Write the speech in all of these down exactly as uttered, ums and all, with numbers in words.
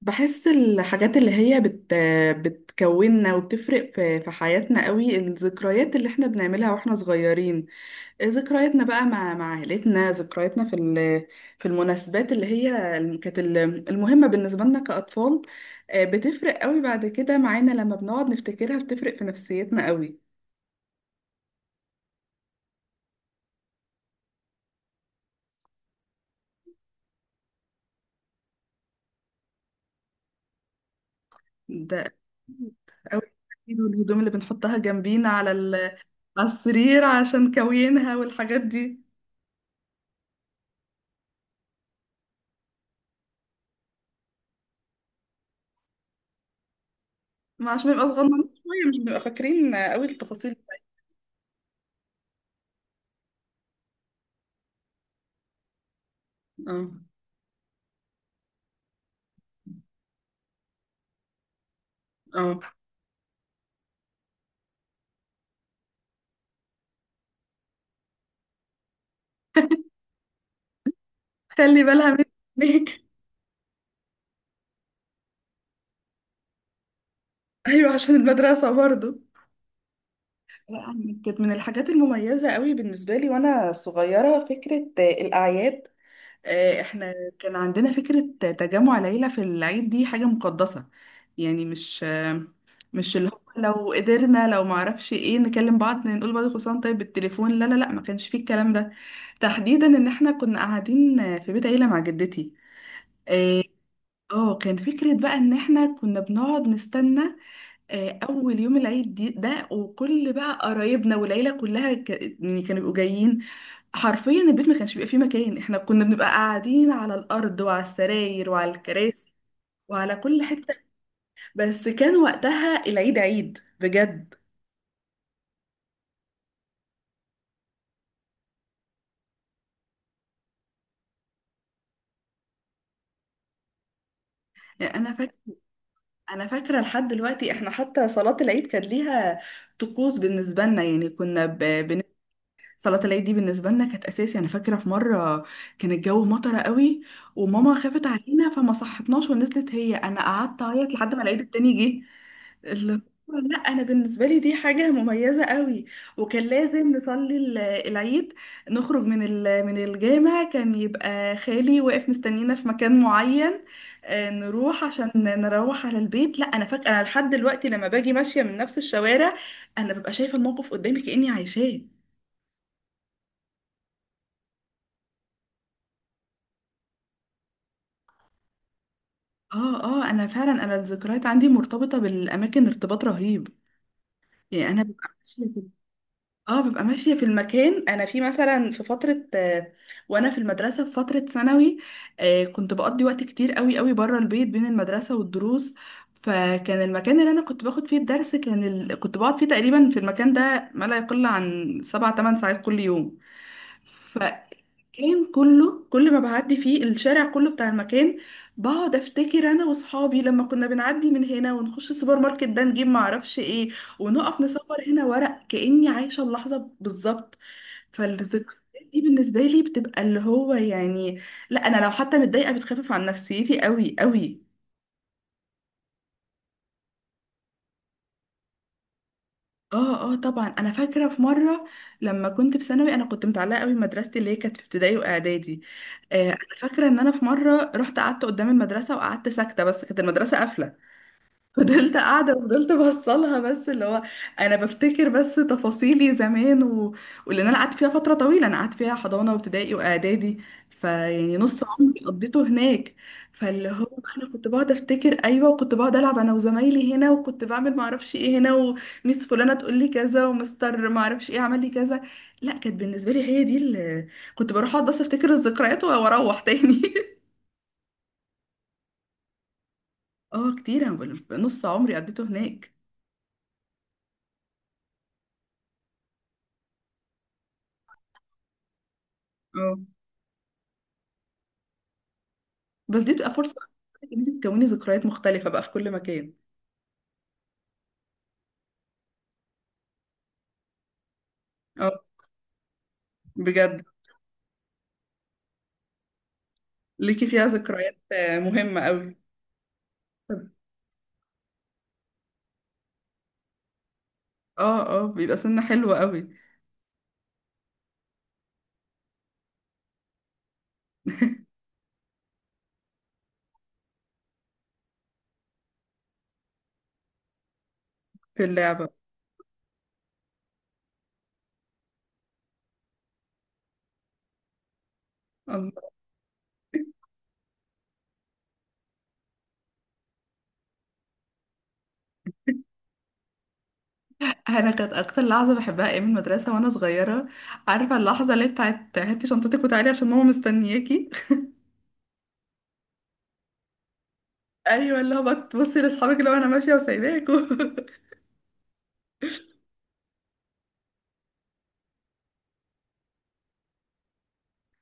بحس الحاجات اللي هي بت... بتكوننا وبتفرق في... في حياتنا قوي. الذكريات اللي احنا بنعملها واحنا صغيرين، ذكرياتنا بقى مع مع عائلتنا، ذكرياتنا في ال... في المناسبات اللي هي الم- كانت ال- المهمة بالنسبة لنا كأطفال. آه، بتفرق قوي بعد كده معانا لما بنقعد نفتكرها، بتفرق في نفسيتنا قوي. ده أكيد قوي. أكيد، والهدوم اللي بنحطها جنبينا على ال... على السرير عشان كوينها والحاجات دي، ما عشان نبقى صغننين شوية مش بنبقى فاكرين قوي التفاصيل. اه اه، خلي بالها منك. ايوه عشان المدرسة برضو. لا، أنا كانت من الحاجات المميزة قوي بالنسبة لي وانا صغيرة فكرة آه، الاعياد. آه، احنا كان عندنا فكرة تجمع العيلة في العيد، دي حاجة مقدسة. يعني مش آه، مش اللي هو لو قدرنا لو معرفش ايه نكلم بعض نقول بعض كل سنة وأنت طيب بالتليفون. لا لا لا، ما كانش فيه الكلام ده تحديدا، ان احنا كنا قاعدين آه، في بيت عيلة مع جدتي. إيه، اه كان فكرة بقى ان احنا كنا بنقعد نستنى آه، اول يوم العيد دي ده، وكل بقى قرايبنا والعيلة كلها ك... يعني كانوا بيبقوا جايين. حرفيا البيت ما كانش بيبقى فيه مكان، احنا كنا بنبقى قاعدين على الارض وعلى السراير وعلى الكراسي وعلى كل حتة. بس كان وقتها العيد عيد بجد. يعني انا فاكرة انا فاكرة لحد دلوقتي احنا حتى صلاة العيد كانت ليها طقوس بالنسبة لنا. يعني كنا صلاة العيد دي بالنسبة لنا كانت أساسي. أنا فاكرة في مرة كان الجو مطرة قوي، وماما خافت علينا فما صحتناش ونزلت هي، أنا قعدت أعيط لحد ما العيد التاني جه. اللي هو، لا انا بالنسبه لي دي حاجه مميزه قوي. وكان لازم نصلي ال- العيد، نخرج من ال- من الجامع كان يبقى خالي واقف مستنينا في مكان معين، آه، نروح عشان نروح على البيت. لا انا فاكره انا لحد دلوقتي لما باجي ماشيه من نفس الشوارع انا ببقى شايفه الموقف قدامي كاني عايشاه. اه اه، انا فعلا، انا الذكريات عندي مرتبطه بالاماكن ارتباط رهيب. يعني انا ببقى ماشيه في اه ببقى ماشيه في المكان. انا في مثلا في فتره آه، وانا في المدرسه في فتره ثانوي، آه، كنت بقضي وقت كتير قوي قوي بره البيت بين المدرسه والدروس. فكان المكان اللي انا كنت باخد فيه الدرس كان ال... كنت بقعد فيه تقريبا في المكان ده ما لا يقل عن سبع تمن ساعات كل يوم. كان كله، كل ما بعدي فيه الشارع كله بتاع المكان، بقعد افتكر انا واصحابي لما كنا بنعدي من هنا ونخش السوبر ماركت ده نجيب معرفش ايه ونقف نصور هنا ورق، كأني عايشة اللحظة بالظبط. فالذكريات دي بالنسبة لي بتبقى اللي هو يعني، لا انا لو حتى متضايقة بتخفف عن نفسيتي قوي قوي. اه اه طبعا، انا فاكره في مره لما كنت في ثانوي انا كنت متعلقه قوي بمدرستي اللي هي كانت في ابتدائي واعدادي. آه، انا فاكره ان انا في مره رحت قعدت قدام المدرسه وقعدت ساكته، بس كانت المدرسه قافله، فضلت قاعدة وفضلت بوصلها، بس اللي هو أنا بفتكر بس تفاصيلي زمان و... واللي أنا قعدت فيها فترة طويلة، أنا قعدت فيها حضانة وابتدائي وإعدادي، فيعني نص عمري قضيته هناك. فاللي هو أنا كنت بقعد أفتكر أيوة، وكنت بقعد ألعب أنا وزمايلي هنا، وكنت بعمل معرفش إيه هنا، وميس فلانة تقول لي كذا، ومستر معرفش إيه عمل لي كذا. لا كانت بالنسبة لي هي دي اللي كنت بروح أقعد بس أفتكر الذكريات وأروح تاني. اه كتير، أنا بقول- نص عمري قضيته هناك. بس دي بتبقى فرصة ان انت تكوني ذكريات مختلفة بقى في كل مكان. اه بجد، ليكي فيها ذكريات آه، مهمة قوي. اه اه بيبقى سنة حلوة قوي. في اللعبة. الله، انا كانت اكتر لحظة بحبها ايام المدرسة وانا صغيرة، عارفة اللحظة اللي بتاعت هاتي شنطتك وتعالي عشان ماما مستنياكي. ايوه، اللي هو بتبصي لاصحابك اللي هو انا ماشية وسايباكوا.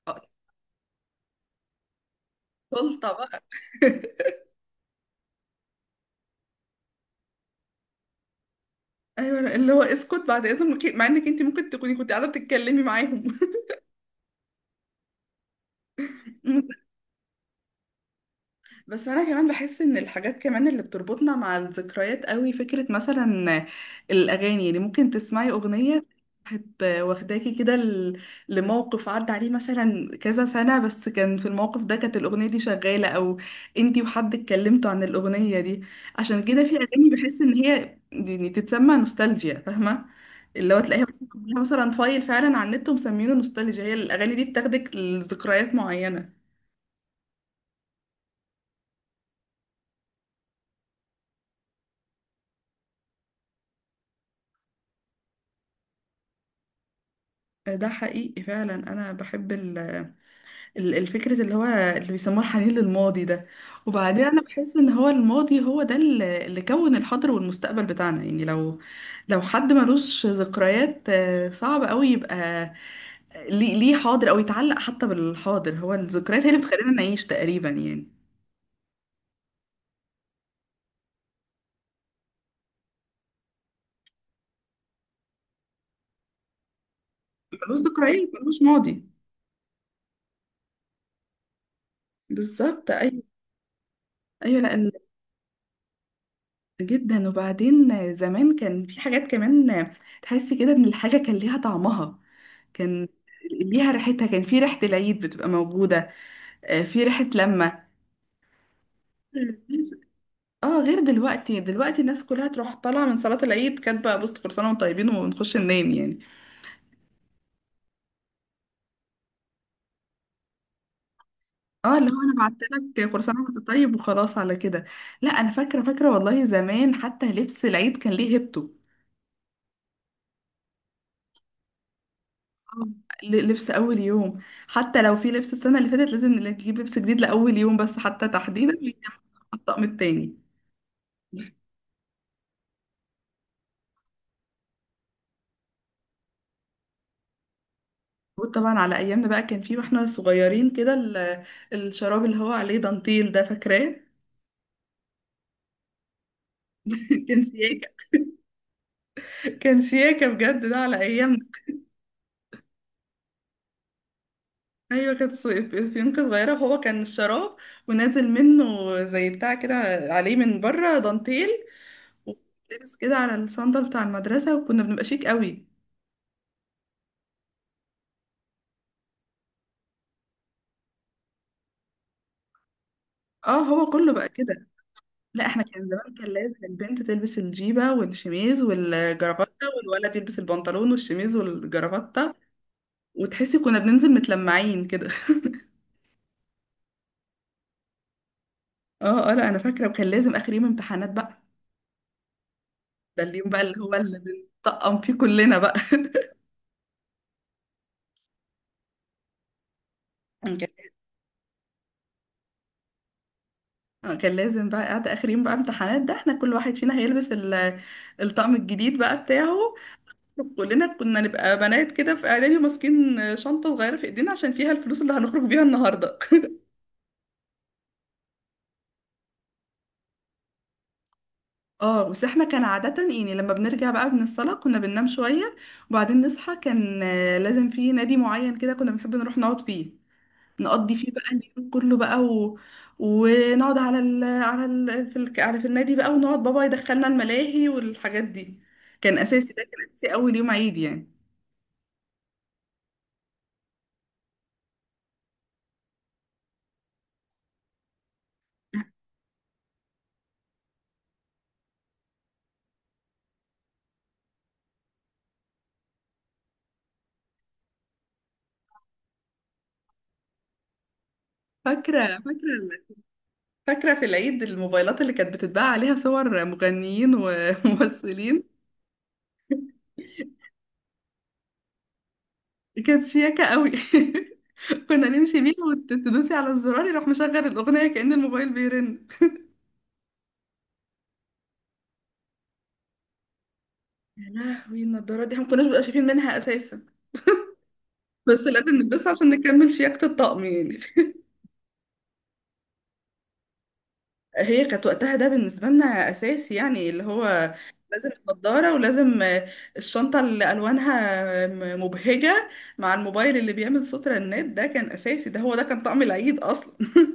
آه، سلطة بقى. ايوه اللي هو اسكت بعد اذنك، مع انك انت ممكن تكوني كنت قاعدة بتتكلمي معاهم. بس انا كمان بحس ان الحاجات كمان اللي بتربطنا مع الذكريات قوي فكرة مثلا الاغاني. يعني ممكن تسمعي اغنية هت واخداكي كده ل- لموقف عدى عليه مثلا كذا سنة، بس كان في الموقف ده كانت الاغنية دي شغالة، او انتي وحد اتكلمتوا عن الاغنية دي. عشان كده في اغاني بحس ان هي يعني تتسمى نوستالجيا، فاهمة؟ اللي هو تلاقيها مثلا مثلاً فايل فعلا على النت ومسمينه نوستالجيا، هي الاغاني دي بتاخدك لذكريات معينة. ده حقيقي فعلا، انا بحب ال- ال- الفكره اللي هو اللي بيسموها الحنين للماضي ده. وبعدين انا بحس ان هو الماضي هو ده اللي اللي كون الحاضر والمستقبل بتاعنا. يعني لو لو حد ملوش ذكريات آه، صعب قوي يبقى، آه، ليه ليه حاضر او يتعلق حتى بالحاضر، هو الذكريات هي اللي بتخلينا نعيش تقريبا يعني. ملوش ذكريات ملوش ماضي. بالظبط، ايوه، ايوه. لا ال- جدا، وبعدين زمان كان في حاجات كمان تحسي كده ان الحاجه كان ليها طعمها، كان ليها ريحتها، كان في ريحة العيد بتبقى موجودة، آه، في ريحة لما اه غير دلوقتي. دلوقتي الناس كلها تروح طالعة من صلاة العيد كاتبة بص كل سنة وانتم طيبين ونخش ننام يعني. اه اللي هو انا بعت لك كل سنة وانت طيب وخلاص على كده. لا انا فاكرة فاكرة والله زمان حتى لبس العيد كان ليه هيبته. آه، ل- لبس اول يوم، حتى لو في لبس السنة اللي فاتت لازم نجيب لبس جديد لأول يوم بس، حتى تحديدا ويتطقم التاني. موجود طبعا على ايامنا. بقى كان في واحنا صغيرين كده ال- الشراب اللي هو عليه دانتيل ده، فاكراه؟ كان شياكه. كان شياكه بجد ده على ايامنا. ايوه، كانت ص- فيونكة صغيره، فهو كان الشراب ونازل منه زي بتاع كده عليه من بره دانتيل، ولابس كده على الصندل بتاع المدرسه وكنا بنبقى شيك قوي. اه هو كله بقى كده. لا احنا كان زمان، كان لازم البنت تلبس الجيبه والشميز والجرافته، والولد يلبس البنطلون والشميز والجرافته. وتحسي كنا بننزل متلمعين كده. اه اه، لا انا فاكره وكان لازم اخر يوم امتحانات بقى، ده اليوم بقى اللي هو اللي بنطقم فيه كلنا بقى. كان آه، كان لازم بقى قاعده اخر يوم بقى امتحانات ده، احنا كل واحد فينا هيلبس ال- الطقم الجديد بقى بتاعه. كلنا كنا نبقى بنات كده في اعدادي ماسكين شنطه صغيره في ايدينا عشان فيها الفلوس اللي هنخرج بيها النهارده. اه، بس احنا كان عاده يعني لما بنرجع بقى من الصلاه كنا بننام شويه. وبعدين نصحى كان آه، لازم في نادي معين كده كنا بنحب نروح نقعد فيه، نقضي فيه بقى اليوم كله بقى و... ونقعد على ال... على ال... في ال... على في النادي بقى، ونقعد بابا يدخلنا الملاهي والحاجات دي. كان اساسي، ده كان اساسي اول يوم عيد يعني. فاكره، فاكره، فاكره في العيد الموبايلات اللي كانت بتتباع عليها صور مغنيين وممثلين. كانت شياكه قوي. كنا نمشي بيها وتدوسي على الزرار يروح مشغل الاغنيه كأن الموبايل بيرن. يا لهوي، النضاره دي احنا ما كناش بنبقى شايفين منها اساسا، بس لازم نلبسها عشان نكمل شياكه الطقم يعني. هي كانت وقتها ده بالنسبة لنا أساسي يعني اللي هو لازم النضارة، ولازم الشنطة اللي ألوانها م- مبهجة، مع الموبايل اللي بيعمل صوت رنات ده كان أساسي، ده هو ده كان طعم العيد أصلا.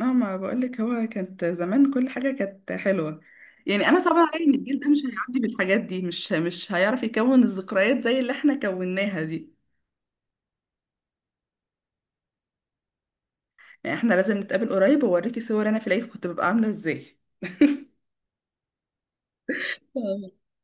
اه ما بقولك، هو كانت زمان كل حاجة كانت حلوة. يعني أنا صعب عليا إن الجيل ده مش هيعدي بالحاجات دي، مش مش هيعرف يكون الذكريات زي اللي احنا كوناها دي. يعني احنا لازم نتقابل قريب وأوريكي صور أنا في العيد كنت ببقى عاملة إزاي. آه.